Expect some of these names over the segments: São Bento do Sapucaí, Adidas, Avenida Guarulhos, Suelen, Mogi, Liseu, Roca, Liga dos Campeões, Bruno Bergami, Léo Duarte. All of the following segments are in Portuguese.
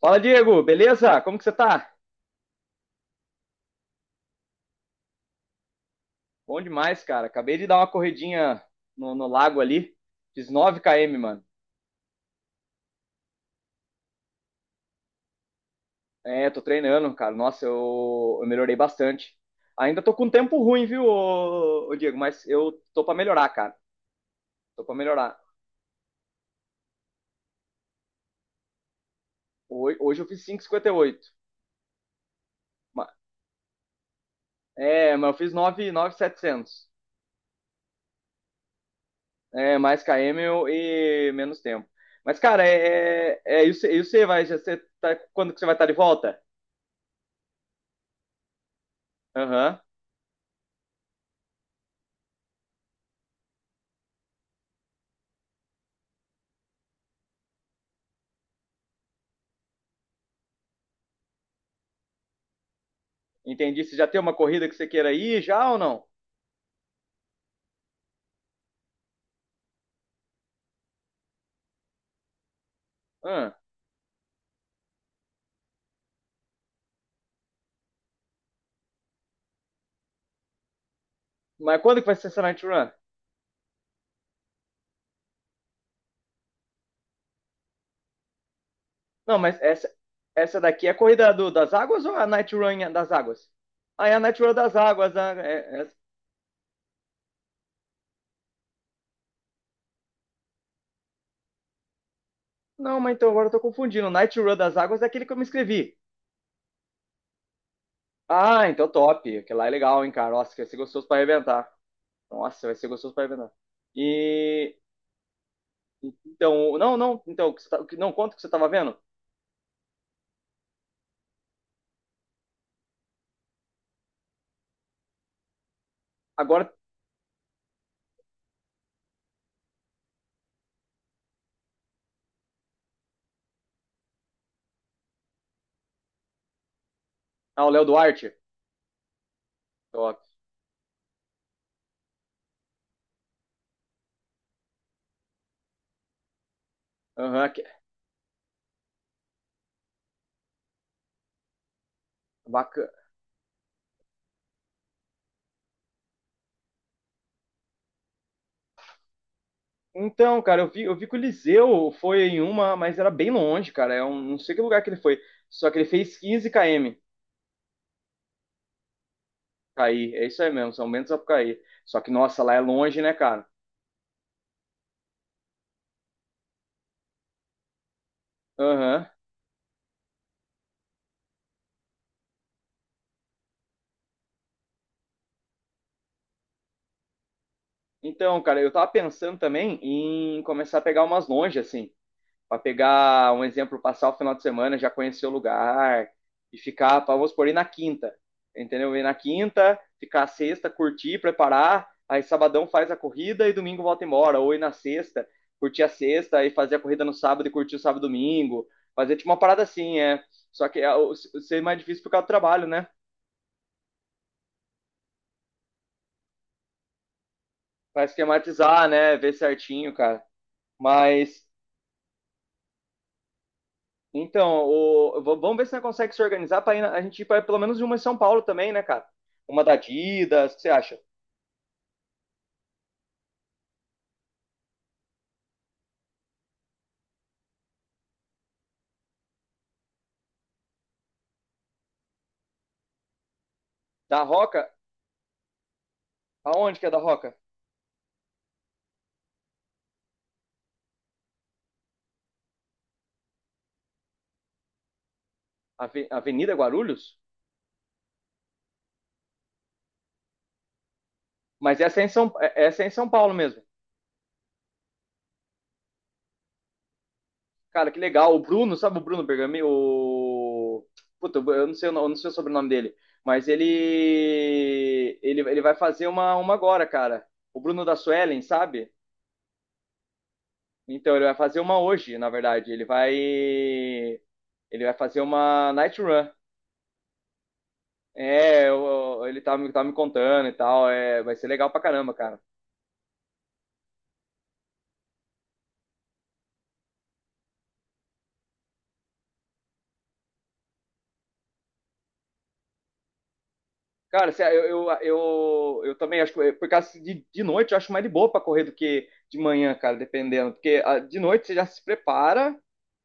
Fala, Diego, beleza? Como que você tá? Bom demais, cara. Acabei de dar uma corridinha no lago ali. Fiz 9 km, mano. É, tô treinando, cara. Nossa, eu melhorei bastante. Ainda tô com um tempo ruim, viu, ô Diego? Mas eu tô pra melhorar, cara. Tô pra melhorar. Hoje eu fiz 5,58. Ma- É, mas eu fiz 9, 9,700. É, mais km e menos tempo. Mas, cara, é isso, é isso aí, vai. Já Você tá, quando que você vai estar de volta? Aham. Entendi. Você já tem uma corrida que você queira ir já ou não? Hã? Mas quando que vai ser essa Night Run? Não, mas essa daqui é a corrida das águas ou a Night Run das águas? Ah, é a Night Run das águas. Não, mas então agora eu tô confundindo. Night Run das águas é aquele que eu me inscrevi. Ah, então top. Aquele lá é legal, hein, cara. Nossa, vai ser gostoso pra arrebentar. Nossa, vai ser gostoso pra arrebentar. E... Então, não, não. Então, o que você tá- o que- não, conta o que você tava vendo. Agora, ah, o Léo Duarte. Top. Aham. Baca- Então, cara, eu vi que o Liseu foi em uma, mas era bem longe, cara. Não sei que lugar que ele foi. Só que ele fez 15 km. Cair, é isso aí mesmo, São Bento do Sapucaí. Só que, nossa, lá é longe, né, cara? Aham. Então, cara, eu tava pensando também em começar a pegar umas longe, assim. Para pegar um exemplo, passar o final de semana, já conhecer o lugar e ficar, pra, vamos supor, ir na quinta, entendeu? Ir na quinta, ficar a sexta, curtir, preparar, aí sabadão faz a corrida e domingo volta embora, ou ir na sexta, curtir a sexta e fazer a corrida no sábado e curtir o sábado e domingo, fazer tipo uma parada assim, é. Só que é, ser é mais difícil por causa do trabalho, né? Pra esquematizar, né? Ver certinho, cara. Mas... Então, vamos ver se nós consegue se organizar para a gente ir para pelo menos uma em São Paulo também, né, cara? Uma da Adidas, o que você acha? Da Roca? Aonde que é da Roca? Avenida Guarulhos? Mas essa é em São, essa é em São Paulo mesmo. Cara, que legal. O Bruno, sabe o Bruno Bergami? O... Puta, eu não sei, o no- eu não sei o sobrenome dele. Mas ele vai fazer uma, agora, cara. O Bruno da Suelen, sabe? Então, ele vai fazer uma hoje, na verdade. Ele vai. Ele vai fazer uma night run. É, ele tá, tá me contando e tal. É, vai ser legal pra caramba, cara. Cara, eu também acho que, por causa de noite, eu acho mais de boa pra correr do que de manhã, cara, dependendo. Porque ah, de noite você já se prepara,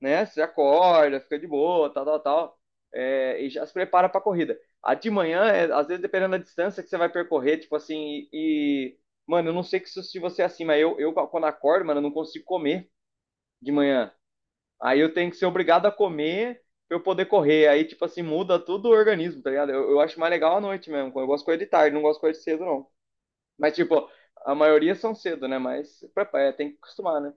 né? Você acorda, fica de boa, tal, tal, tal, é, e já se prepara para a corrida. A de manhã, é, às vezes, dependendo da distância que você vai percorrer, tipo assim, mano, eu não sei que se você é assim, mas eu quando acordo, mano, eu não consigo comer de manhã. Aí eu tenho que ser obrigado a comer pra eu poder correr. Aí, tipo assim, muda todo o organismo, tá ligado? Eu acho mais legal à noite mesmo. Eu gosto de correr de tarde, não gosto de correr de cedo, não. Mas, tipo, a maioria são cedo, né? Mas é, tem que acostumar, né?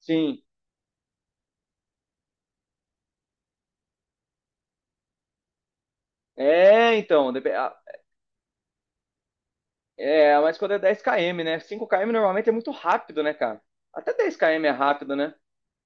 Sim. É, então, é, mas quando é 10 km, né? 5 km normalmente é muito rápido, né, cara? Até 10 km é rápido, né?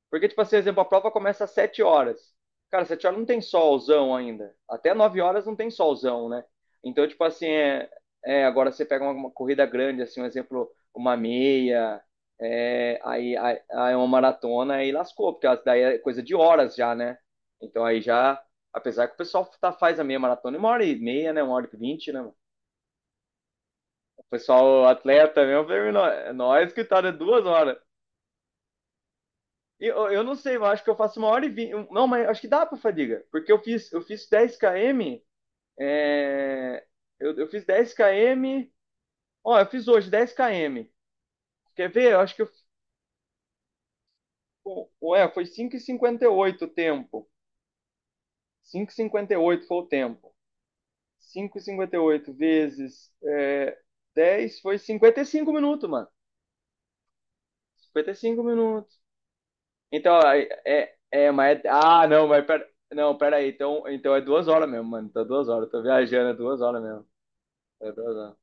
Porque, tipo, assim, exemplo, a prova começa às 7h. Cara, 7h não tem solzão ainda. Até 9h não tem solzão, né? Então, tipo assim, agora você pega uma, corrida grande, assim, um exemplo, uma meia, é, aí uma maratona, aí lascou, porque daí é coisa de horas já, né? Então aí já, apesar que o pessoal tá, faz a meia maratona em 1h30, né? 1h20, né? O pessoal atleta mesmo, falei, nós que tá de 2 horas." E eu não sei, eu acho que eu faço 1h20. Não, mas acho que dá pra fadiga. Porque eu fiz 10 km. é, eu fiz 10 km. Ó, eu fiz hoje 10 km. Quer ver? Eu acho que eu, ué, foi 5,58 o tempo. Cinco e cinquenta e oito foi o tempo. Cinco e cinquenta e oito vezes 10 foi 55 minutos, mano. 55 minutos. Então, aí, ah, não, mas pera, não, pera aí, então, é 2 horas mesmo, mano, tá 2 horas, tô viajando, é 2 horas mesmo, é duas horas.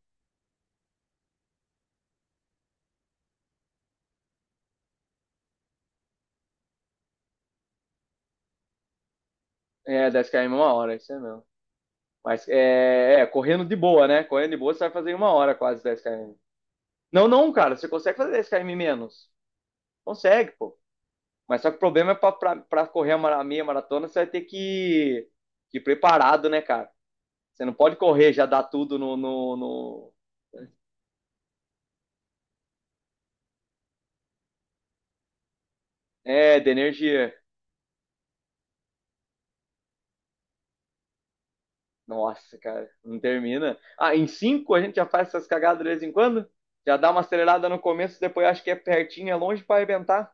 É, 10 km uma hora, isso é mesmo. Mas correndo de boa, né? Correndo de boa, você vai fazer em 1 hora quase 10 km. Não, não, cara, você consegue fazer 10 km menos. Consegue, pô. Mas só que o problema é pra correr a a meia maratona, você vai ter que ir preparado, né, cara? Você não pode correr, já dar tudo no... É, de energia. Nossa, cara, não termina. Ah, em cinco a gente já faz essas cagadas de vez em quando? Já dá uma acelerada no começo, depois acho que é pertinho, é longe pra arrebentar.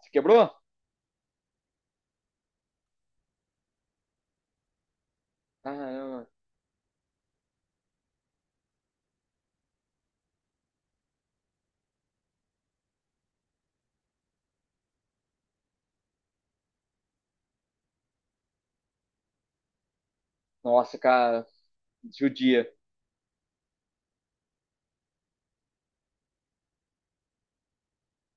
Se quebrou? Caramba. Nossa, cara, judia.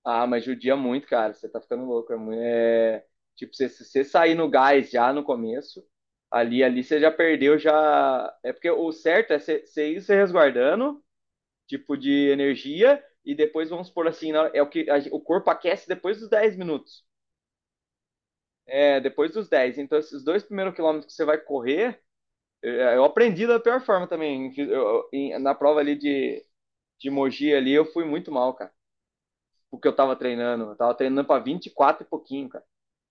Ah, mas judia muito, cara. Você tá ficando louco. É, muito, é... Tipo, se você sair no gás já no começo, ali você já perdeu, já. É porque o certo é você ir se resguardando, tipo, de energia, e depois, vamos supor assim, na- é o que a gen- o corpo aquece depois dos 10 minutos. É, depois dos 10. Então, esses dois primeiros quilômetros que você vai correr, eu aprendi da pior forma também. Na prova ali de Mogi ali, eu fui muito mal, cara. Porque eu tava treinando. Eu tava treinando pra 24 e quatro e pouquinho, cara.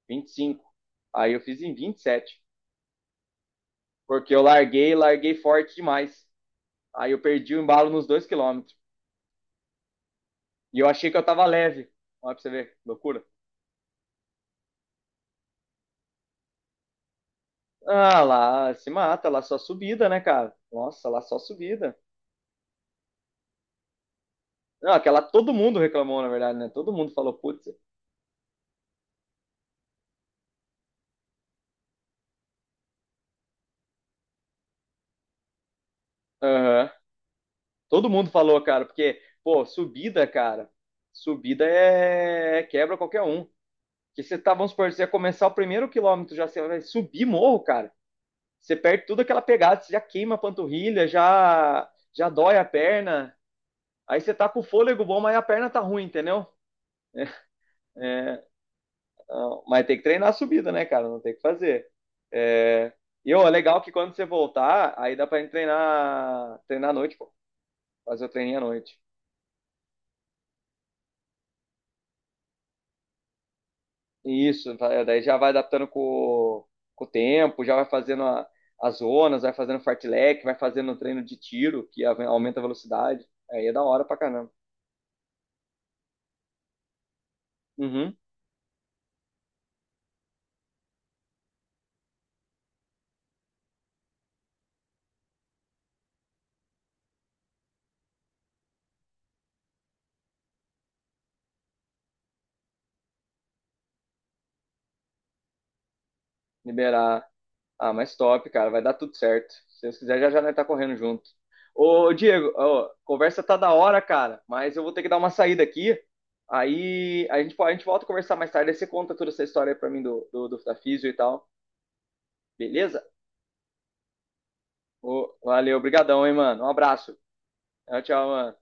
25. Aí eu fiz em 27. Porque eu larguei forte demais. Aí eu perdi o embalo nos 2 quilômetros. E eu achei que eu tava leve. Olha pra você ver, loucura. Ah, lá se mata, lá só subida, né, cara? Nossa, lá só subida. Não, aquela todo mundo reclamou, na verdade, né? Todo mundo falou, putz. Aham. Todo mundo falou, cara, porque, pô, subida, cara, subida é quebra qualquer um. Que você tá, vamos supor, você ia começar o primeiro quilômetro, já você vai subir morro, cara. Você perde tudo aquela pegada, você já queima a panturrilha, já, já dói a perna. Aí você tá com o fôlego bom, mas a perna tá ruim, entendeu? Não, mas tem que treinar a subida, né, cara? Não tem o que fazer. É... E, ó, é legal que quando você voltar, aí dá pra gente treinar, treinar à noite, pô. Fazer o treininho à noite. Isso, tá, daí já vai adaptando com o tempo, já vai fazendo as zonas, vai fazendo fartlek, vai fazendo treino de tiro, que aumenta a velocidade. Aí é da hora pra caramba. Uhum, liberar. Ah, mas top, cara, vai dar tudo certo. Se Deus quiser, já já nós tá correndo junto. Ô, Diego, ó, conversa tá da hora, cara, mas eu vou ter que dar uma saída aqui. Aí a gente, a gente volta a conversar mais tarde, aí você conta toda essa história aí pra mim da Físio e tal, beleza? Ô, valeu, obrigadão hein, mano. Um abraço. Tchau, tchau, mano.